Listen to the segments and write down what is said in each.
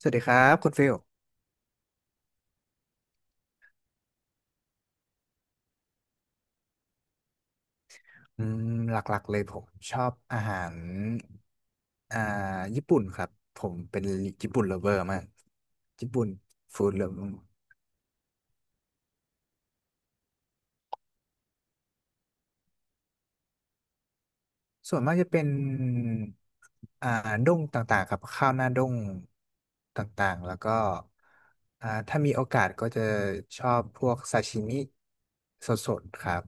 สวัสดีครับคุณฟิลอืมหลักๆเลยผมชอบอาหารอ่าญี่ปุ่นครับผมเป็นญี่ปุ่น l o เ e อร์มากญี่ปุ่นฟู้ดเลฟส่วนมากจะเป็นอ่าด้งต่างๆครับข้าวหน้าด้งต่างๆแล้วก็ถ้ามีโอกาสก็จะชอบพวกซาชิมิสดๆครับ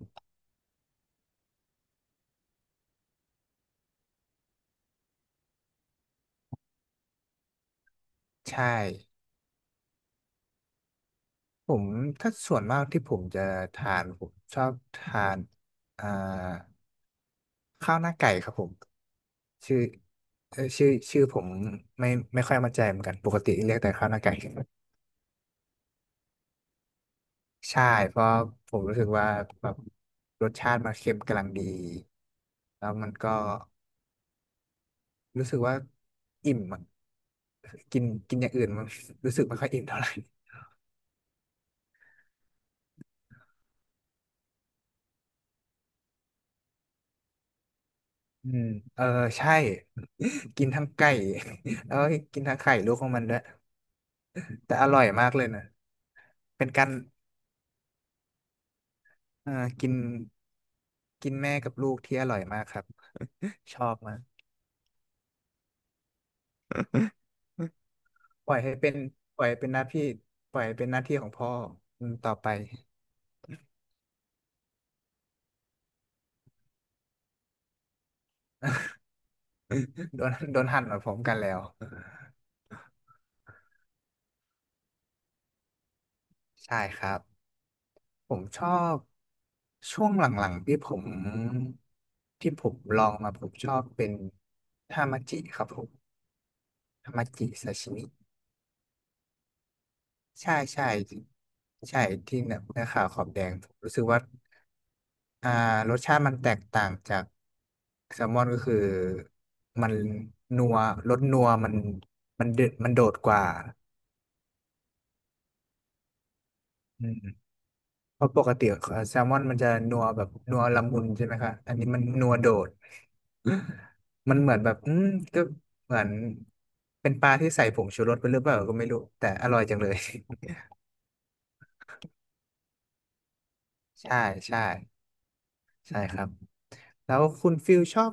ใช่ผมถ้าส่วนมากที่ผมจะทานผมชอบทานอ่าข้าวหน้าไก่ครับผม ชื่อชื่อผมไม่ค่อยมั่นใจเหมือนกันปกติเรียกแต่ข้าวหน้าไก่ ใช่เพราะผมรู้สึกว่าแบบรสชาติมันเค็มกำลังดีแล้วมันก็รู้สึกว่าอิ่มอะกินกินอย่างอื่นมัน รู้สึกไม่ค่อยอิ่มเท่าไหร่อืมเออใช่ กินทั้งไก่ แล้วก็กินทั้งไข่ลูกของมันด้วยแต่อร่อยมากเลยนะเป็นการเออกินกินแม่กับลูกที่อร่อยมากครับ ชอบมาก ปล่อยให้เป็นปล่อยให้เป็นหน้าที่ปล่อยให้เป็นหน้าที่ของพ่ออืมต่อไป โดนหั่นเหมือนผมกันแล้วใช่ครับผมชอบช่วงหลังๆที่ผมลองมาผมชอบเป็นทามาจิครับผมทามาจิซาชิมิใช่ใช่ใช่ที่เนื้อขาวขอบแดงผมรู้สึกว่าอ่ารสชาติมันแตกต่างจากแซลมอนก็คือมันนัวรสนัวมันเดดมันโดดกว่า อืมเพราะปกติแซลมอนมันจะนัวแบบนัวละมุนใช่ไหมคะอันนี้มันนัวโดด มันเหมือนแบบอืมก็เหมือนเป็นปลาที่ใส่ผงชูรสไปหรือเปล่าก็ไม่รู้แต่อร่อยจังเลย ใช่ใช่ใช่ครับแล้วคุณฟิลชอบ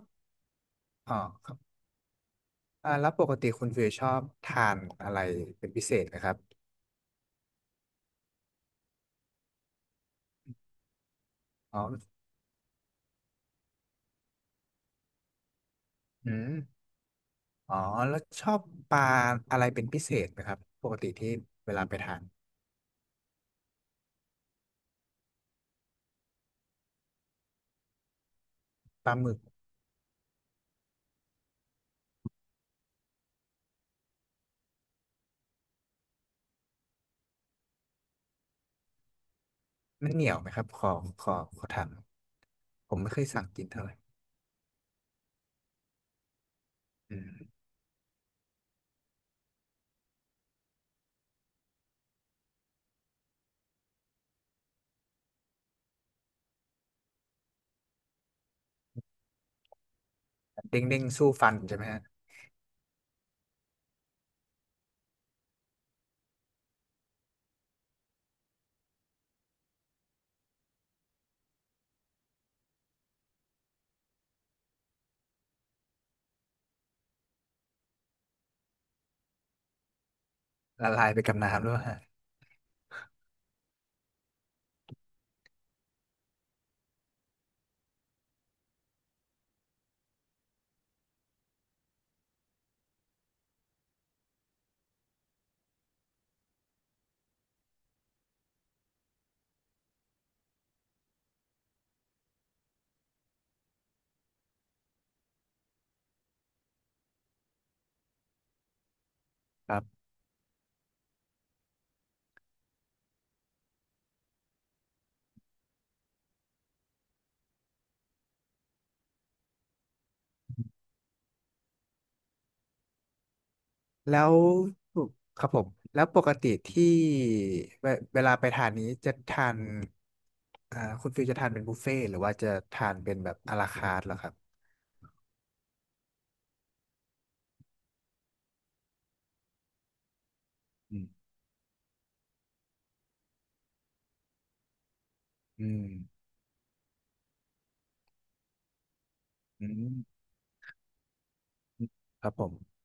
อ๋อครับแล้วปกติคุณฟิลชอบทานอะไรเป็นพิเศษนะครับอ๋ออืมอ๋อแล้วชอบปลาอะไรเป็นพิเศษไหมครับปกติที่เวลาไปทานปลาหมึก มันเหนียวไหมครับขอขอถามผมไม่เคยสั่งกินเท่าไหร่อืมเด้งเด้งสู้ฟันใช่ไหมฮะละลายไปกับน้ำด้วยฮะครับแล้วครับผมแล้วปกติที่เวลาไปทานนี้จะทานคุณฟิลจะทานเป็นบุฟเฟ่ต์หรือว่าจะทานเป็นแบบอะลาคาร์ทเหรอครับอืมอืมอืมครับผม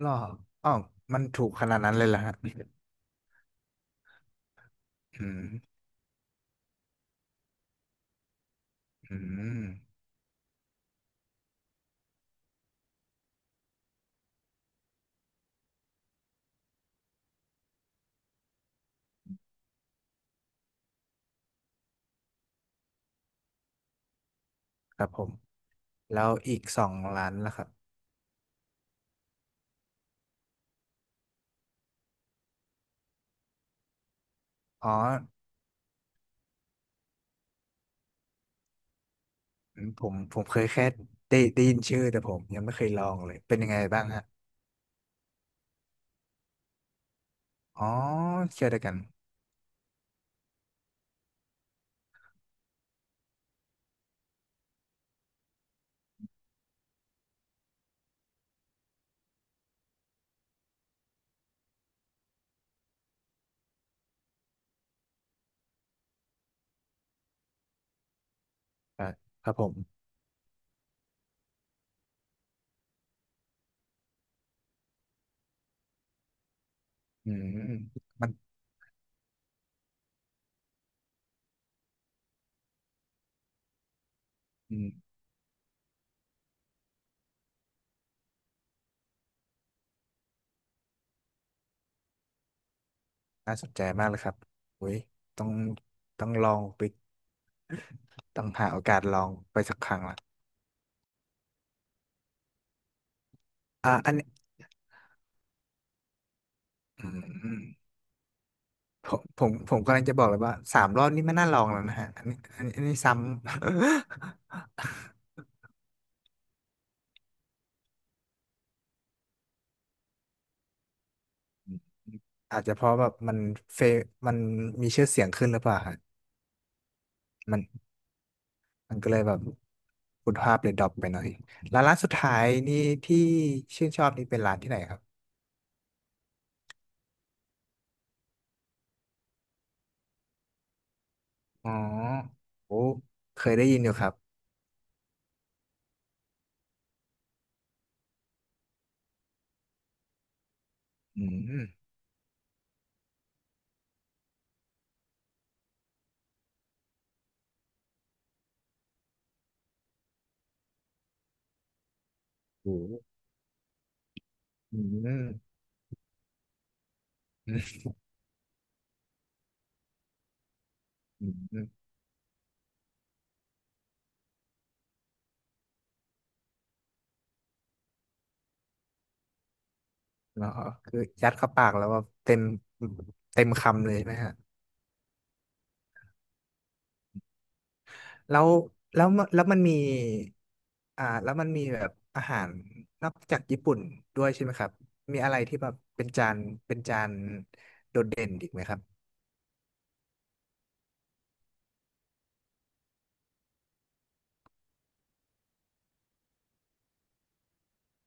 หรออ๋อมันถูกขนาดนั้นเลยเหรอฮะอืมอืมครับผมแล้วอีกสองร้านล่ะครับอ๋อ อืมผมเคยแค่ได้ยินชื่อแต่ผมยังไม่เคยลองเลยเป็นยังไงบ้างฮะอ๋อเชื่อเด้วยวกันครับครับผมอืมมันอืมน่าสนใจมากเลยครับอุ้ยต้องลองไปต้องหาโอกาสลองไปสักครั้งละอันนี้อืมผมกำลังจะบอกเลยว่าสามรอบนี่ไม่น่าลองแล้วนะฮะอันนี้ซ้ำ อาจจะเพราะแบบมันเฟมันมีชื่อเสียงขึ้นหรือเปล่าฮะมัน มันก็เลยแบบคุณภาพเลยดรอปไปหน่อยร้านสุดท้ายนี่ที่ชื่นชอบนี่เป็นร้านที่ไหนครับอ๋อโอ้เคยได้ยินอยู่ครับอืมโอ้อืมอืมอืมเนาะคือยัดเข้าปากแล้วว่าเต็มคำเลยใช่ไหมฮะแล้วแล้วมันแล้วมันมีแล้วมันมีแบบอาหารนอกจากญี่ปุ่นด้วยใช่ไหมครับมีอะไรที่แบบเป็นจานเป็นจานโดดเด่นอีกไหมครับ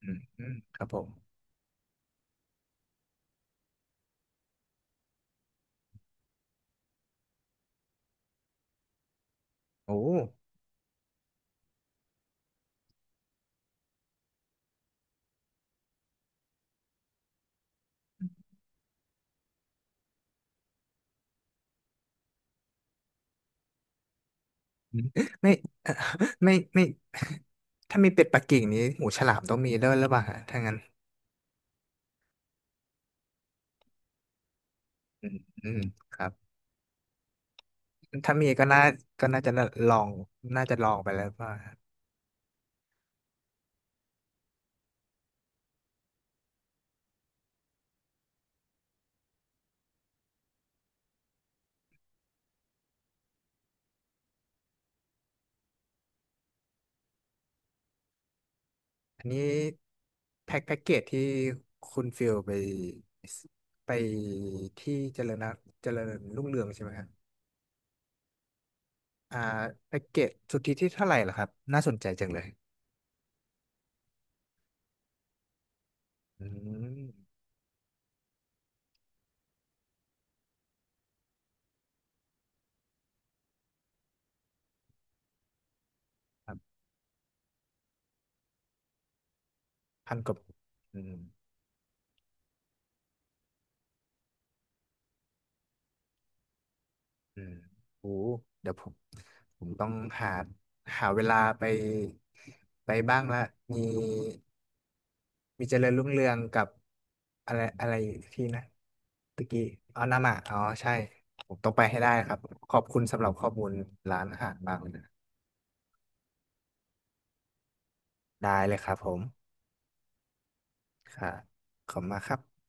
อืมอืมครับผมโอ้ ไม่ ไม่ ถ้ามีเป็ดปักกิ่งนี้หูฉลามต้องมีด้วยหรือเปล่าฮะถ้างั้นอืมอืมครับถ้ามีก็น่าจะลองน่าจะลองไปแล้วว่าอันนี้แพ็คแพ็กเกจที่คุณฟิลไปไปที่เจริญนะเจริญรุ่งเรืองใช่ไหมครับอ่าแพ็กเกจสุทธิที่เท่าไหร่ล่ะครับน่าสนใจจังเลยอืมครับพันกว่าอืม อืมโอ้เดี๋ยวผมต้องหาเวลาไปบ้างละมีเจริญรุ่งเรืองกับอะไรอะไรที่นะตะกี้อ๋อนามาอ๋อใช่ผมต้องไปให้ได้ครับขอบคุณสำหรับข้อมูลร้านอาหารมากเลยนะได้เลยครับผมค่ะขอบคุณมากครับ